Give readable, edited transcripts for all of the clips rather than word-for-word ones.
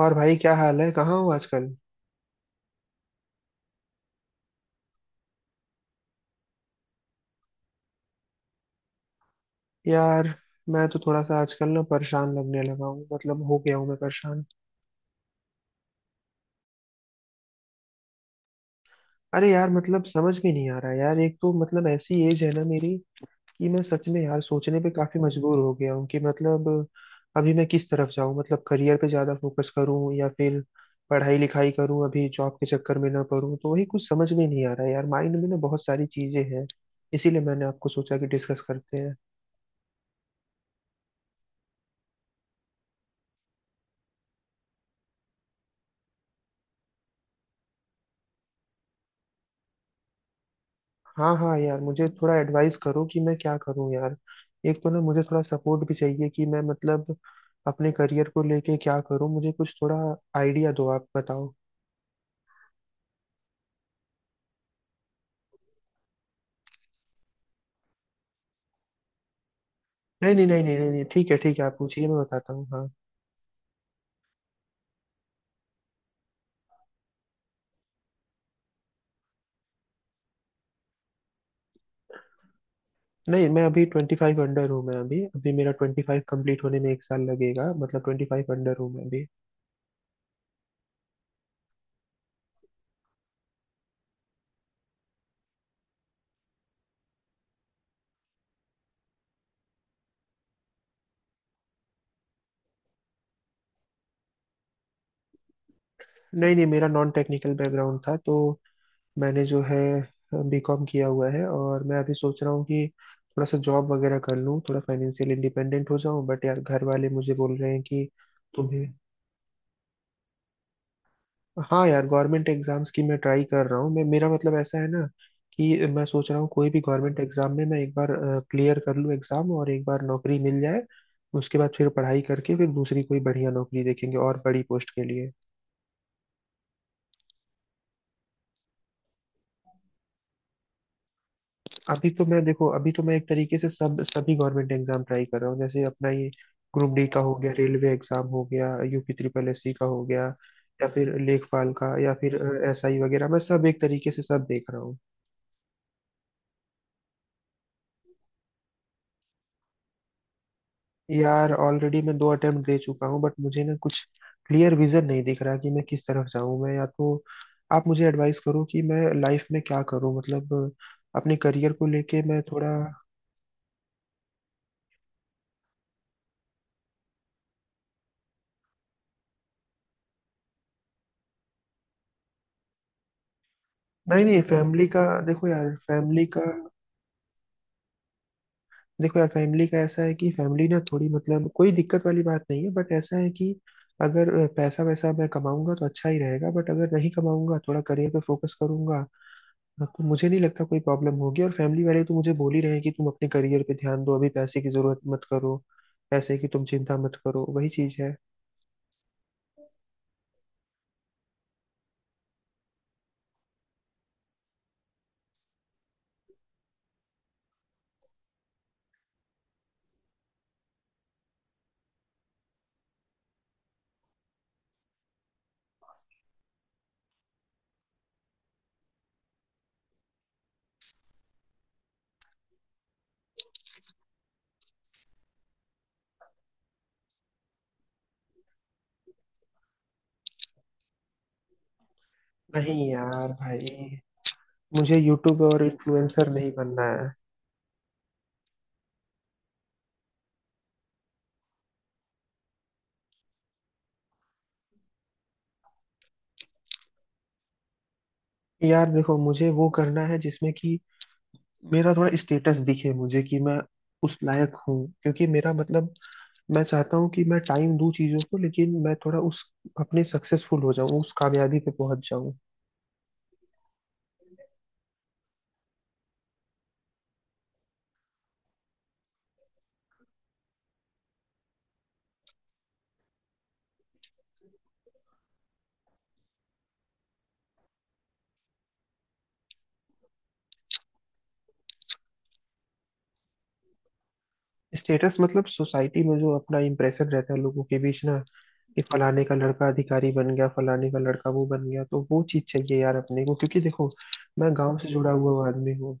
और भाई, क्या हाल है? कहाँ हो आजकल? यार, मैं तो थोड़ा सा आजकल ना परेशान लगने लगा हूँ, मतलब हो गया हूँ मैं परेशान। अरे यार, मतलब समझ में नहीं आ रहा यार। एक तो मतलब ऐसी एज है ना मेरी, कि मैं सच में यार सोचने पे काफी मजबूर हो गया हूँ कि मतलब अभी मैं किस तरफ जाऊँ। मतलब करियर पे ज्यादा फोकस करूँ या फिर पढ़ाई लिखाई करूँ, अभी जॉब के चक्कर में ना पड़ूँ, तो वही कुछ समझ में नहीं आ रहा यार। माइंड में ना बहुत सारी चीजें हैं, इसीलिए मैंने आपको सोचा कि डिस्कस करते हैं। हाँ हाँ यार, मुझे थोड़ा एडवाइस करो कि मैं क्या करूँ यार। एक तो ना मुझे थोड़ा सपोर्ट भी चाहिए कि मैं मतलब अपने करियर को लेके क्या करूँ। मुझे कुछ थोड़ा आइडिया दो, आप बताओ। नहीं नहीं नहीं नहीं नहीं नहीं, ठीक है ठीक है, आप पूछिए, मैं बताता हूँ हाँ। नहीं, मैं अभी 25 अंडर हूँ। मैं अभी अभी मेरा 25 कम्प्लीट होने में एक साल लगेगा, मतलब 25 अंडर हूँ मैं अभी। नहीं नहीं, मेरा नॉन टेक्निकल बैकग्राउंड था। तो मैंने जो है बीकॉम किया हुआ है, और मैं अभी सोच रहा हूँ कि थोड़ा सा जॉब वगैरह कर लूँ, थोड़ा फाइनेंशियल इंडिपेंडेंट हो जाऊँ, बट यार घर वाले मुझे बोल रहे हैं कि तुम्हें। हाँ यार, गवर्नमेंट एग्जाम्स की मैं ट्राई कर रहा हूँ। मैं मेरा मतलब ऐसा है ना कि मैं सोच रहा हूँ कोई भी गवर्नमेंट एग्जाम में मैं एक बार क्लियर कर लूँ एग्जाम, और एक बार नौकरी मिल जाए, उसके बाद फिर पढ़ाई करके फिर दूसरी कोई बढ़िया नौकरी देखेंगे और बड़ी पोस्ट के लिए। अभी तो मैं देखो अभी तो मैं एक तरीके से सब सभी गवर्नमेंट एग्जाम ट्राई कर रहा हूँ, जैसे अपना ये ग्रुप डी का हो गया, रेलवे एग्जाम हो गया, यूपी ट्रिपल एससी का हो गया, या फिर लेखपाल का, या फिर एसआई वगैरह। मैं सब एक तरीके से सब देख रहा हूँ। यार ऑलरेडी मैं 2 अटेम्प्ट दे चुका हूँ, बट मुझे ना कुछ क्लियर विजन नहीं दिख रहा कि मैं किस तरफ जाऊँ। मैं या तो आप मुझे एडवाइस करो कि मैं लाइफ में क्या करूँ, मतलब अपने करियर को लेके मैं थोड़ा। नहीं नहीं, फैमिली का देखो यार फैमिली का देखो यार फैमिली का ऐसा है कि फैमिली ना थोड़ी, मतलब कोई दिक्कत वाली बात नहीं है, बट ऐसा है कि अगर पैसा वैसा मैं कमाऊंगा तो अच्छा ही रहेगा, बट अगर नहीं कमाऊंगा, थोड़ा करियर पे फोकस करूंगा तो मुझे नहीं लगता कोई प्रॉब्लम होगी। और फैमिली वाले तो मुझे बोल ही रहे हैं कि तुम अपने करियर पे ध्यान दो, अभी पैसे की जरूरत मत करो, पैसे की तुम चिंता मत करो, वही चीज है। नहीं यार भाई, मुझे यूट्यूब और इन्फ्लुएंसर नहीं बनना है। यार देखो, मुझे वो करना है जिसमें कि मेरा थोड़ा स्टेटस दिखे, मुझे कि मैं उस लायक हूँ, क्योंकि मेरा मतलब मैं चाहता हूँ कि मैं टाइम दूं चीजों को, लेकिन मैं थोड़ा उस अपने सक्सेसफुल हो जाऊं, उस कामयाबी पे पहुंच जाऊं। स्टेटस मतलब सोसाइटी में जो अपना इम्प्रेशन रहता है लोगों के बीच ना, कि फलाने का लड़का अधिकारी बन गया, फलाने का लड़का वो बन गया, तो वो चीज चाहिए यार अपने को, क्योंकि देखो, मैं गांव से जुड़ा हुआ आदमी हूँ।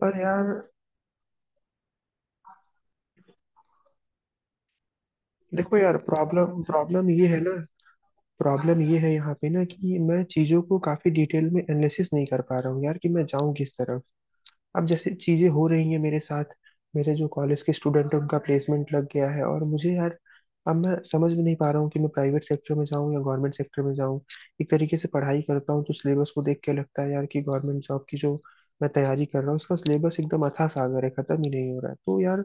पर यार देखो यार, प्रॉब्लम प्रॉब्लम ये है ना, प्रॉब्लम ये है यहाँ पे ना, कि मैं चीज़ों को काफ़ी डिटेल में एनालिसिस नहीं कर पा रहा हूँ यार, कि मैं जाऊँ किस तरफ। अब जैसे चीज़ें हो रही हैं मेरे साथ, मेरे जो कॉलेज के स्टूडेंट हैं उनका प्लेसमेंट लग गया है, और मुझे यार अब मैं समझ भी नहीं पा रहा हूँ कि मैं प्राइवेट सेक्टर में जाऊँ या गवर्नमेंट सेक्टर में जाऊँ। एक तरीके से पढ़ाई करता हूँ तो सिलेबस को देख के लगता है यार कि गवर्नमेंट जॉब की जो मैं तैयारी कर रहा हूँ उसका सिलेबस एकदम अथाह सागर है, ख़त्म ही नहीं हो रहा है। तो यार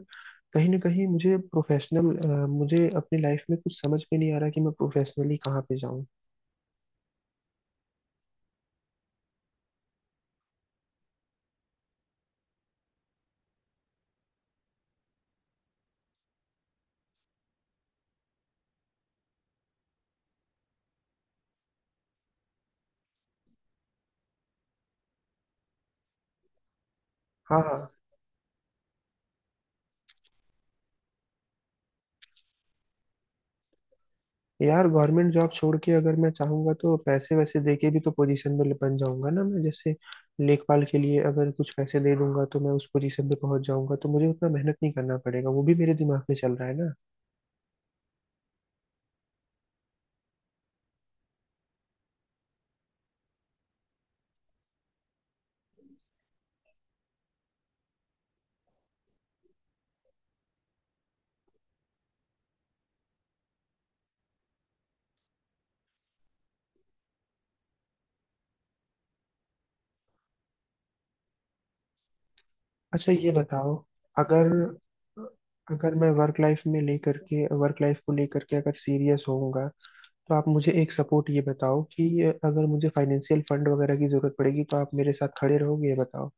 कहीं ना कहीं मुझे अपनी लाइफ में कुछ समझ में नहीं आ रहा कि मैं प्रोफेशनली कहाँ पे जाऊँ। हाँ हाँ। यार, गवर्नमेंट जॉब छोड़ के अगर मैं चाहूंगा तो पैसे वैसे दे के भी तो पोजीशन में बन जाऊंगा ना मैं, जैसे लेखपाल के लिए अगर कुछ पैसे दे दूंगा तो मैं उस पोजीशन पे पहुंच जाऊंगा, तो मुझे उतना मेहनत नहीं करना पड़ेगा, वो भी मेरे दिमाग में चल रहा है ना। अच्छा ये बताओ, अगर अगर मैं वर्क लाइफ को लेकर के अगर सीरियस होऊंगा, तो आप मुझे एक सपोर्ट ये बताओ कि अगर मुझे फाइनेंशियल फंड वगैरह की जरूरत पड़ेगी तो आप मेरे साथ खड़े रहोगे, ये बताओ।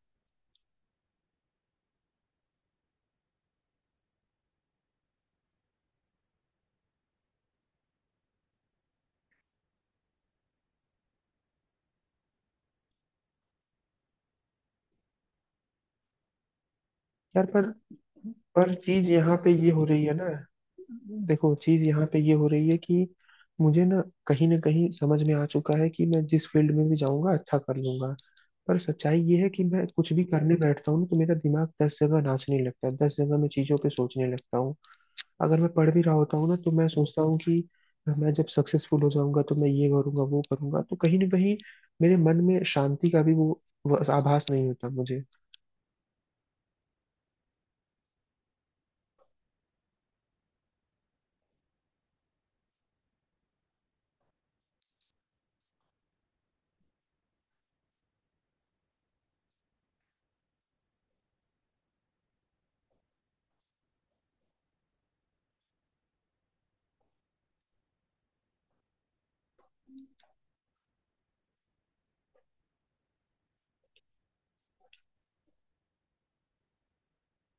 यार पर चीज यहाँ पे ये हो रही है ना, देखो चीज यहाँ पे ये हो रही है कि मुझे ना कहीं समझ में आ चुका है कि मैं जिस फील्ड में भी जाऊंगा अच्छा कर लूंगा। पर सच्चाई ये है कि मैं कुछ भी करने बैठता हूँ ना तो मेरा दिमाग 10 जगह नाचने लगता है, 10 जगह मैं चीजों पे सोचने लगता हूँ। अगर मैं पढ़ भी रहा होता हूँ ना तो मैं सोचता हूँ कि मैं जब सक्सेसफुल हो जाऊंगा तो मैं ये करूंगा वो करूंगा, तो कहीं ना कहीं मेरे मन में शांति का भी वो आभास नहीं होता मुझे।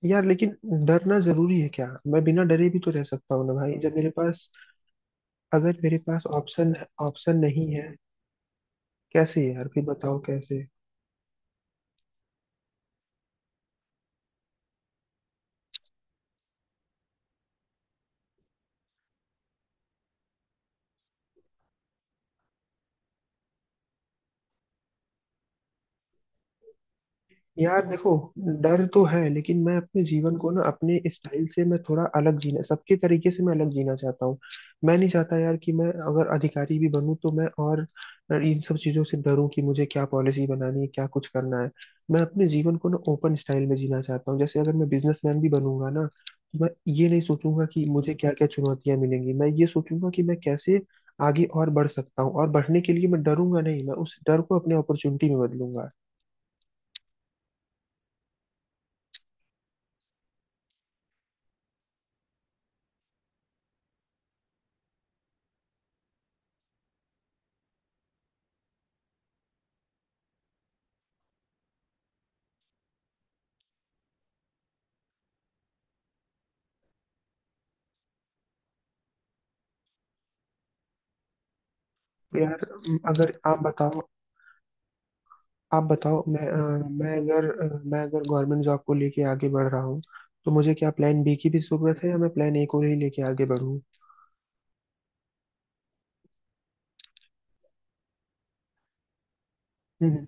यार लेकिन डरना जरूरी है क्या? मैं बिना डरे भी तो रह सकता हूँ ना भाई। जब मेरे पास अगर मेरे पास ऑप्शन ऑप्शन नहीं है, कैसे यार? फिर बताओ कैसे। यार देखो, डर तो है, लेकिन मैं अपने जीवन को ना अपने स्टाइल से, मैं थोड़ा अलग जीना, सबके तरीके से मैं अलग जीना चाहता हूँ। मैं नहीं चाहता यार कि मैं अगर अधिकारी भी बनूँ तो मैं और इन सब चीज़ों से डरूं कि मुझे क्या पॉलिसी बनानी है, क्या कुछ करना है। मैं अपने जीवन को ना ओपन स्टाइल में जीना चाहता हूँ, जैसे अगर मैं बिजनेसमैन भी बनूंगा ना तो मैं ये नहीं सोचूंगा कि मुझे क्या क्या चुनौतियां मिलेंगी, मैं ये सोचूंगा कि मैं कैसे आगे और बढ़ सकता हूँ, और बढ़ने के लिए मैं डरूंगा नहीं, मैं उस डर को अपने अपॉर्चुनिटी में बदलूंगा। यार, अगर आप बताओ, मैं अगर गवर्नमेंट जॉब को लेके आगे बढ़ रहा हूँ, तो मुझे क्या प्लान बी की भी जरूरत है या मैं प्लान ए को ही लेके आगे बढ़ूँ? हम्म।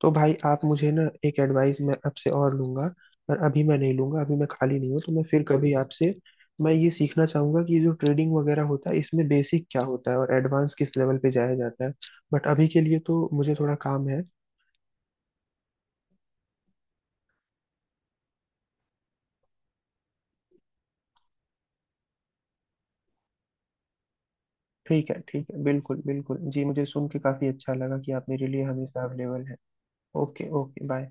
तो भाई, आप मुझे ना एक एडवाइस मैं आपसे और लूंगा, पर अभी मैं नहीं लूंगा, अभी मैं खाली नहीं हूँ, तो मैं फिर कभी आपसे मैं ये सीखना चाहूंगा कि ये जो ट्रेडिंग वगैरह होता है इसमें बेसिक क्या होता है और एडवांस किस लेवल पे जाया जाता है। बट अभी के लिए तो मुझे थोड़ा काम है। ठीक है ठीक है, बिल्कुल बिल्कुल जी, मुझे सुन के काफी अच्छा लगा कि आप मेरे लिए हमेशा अवेलेबल हैं। Okay okay, bye.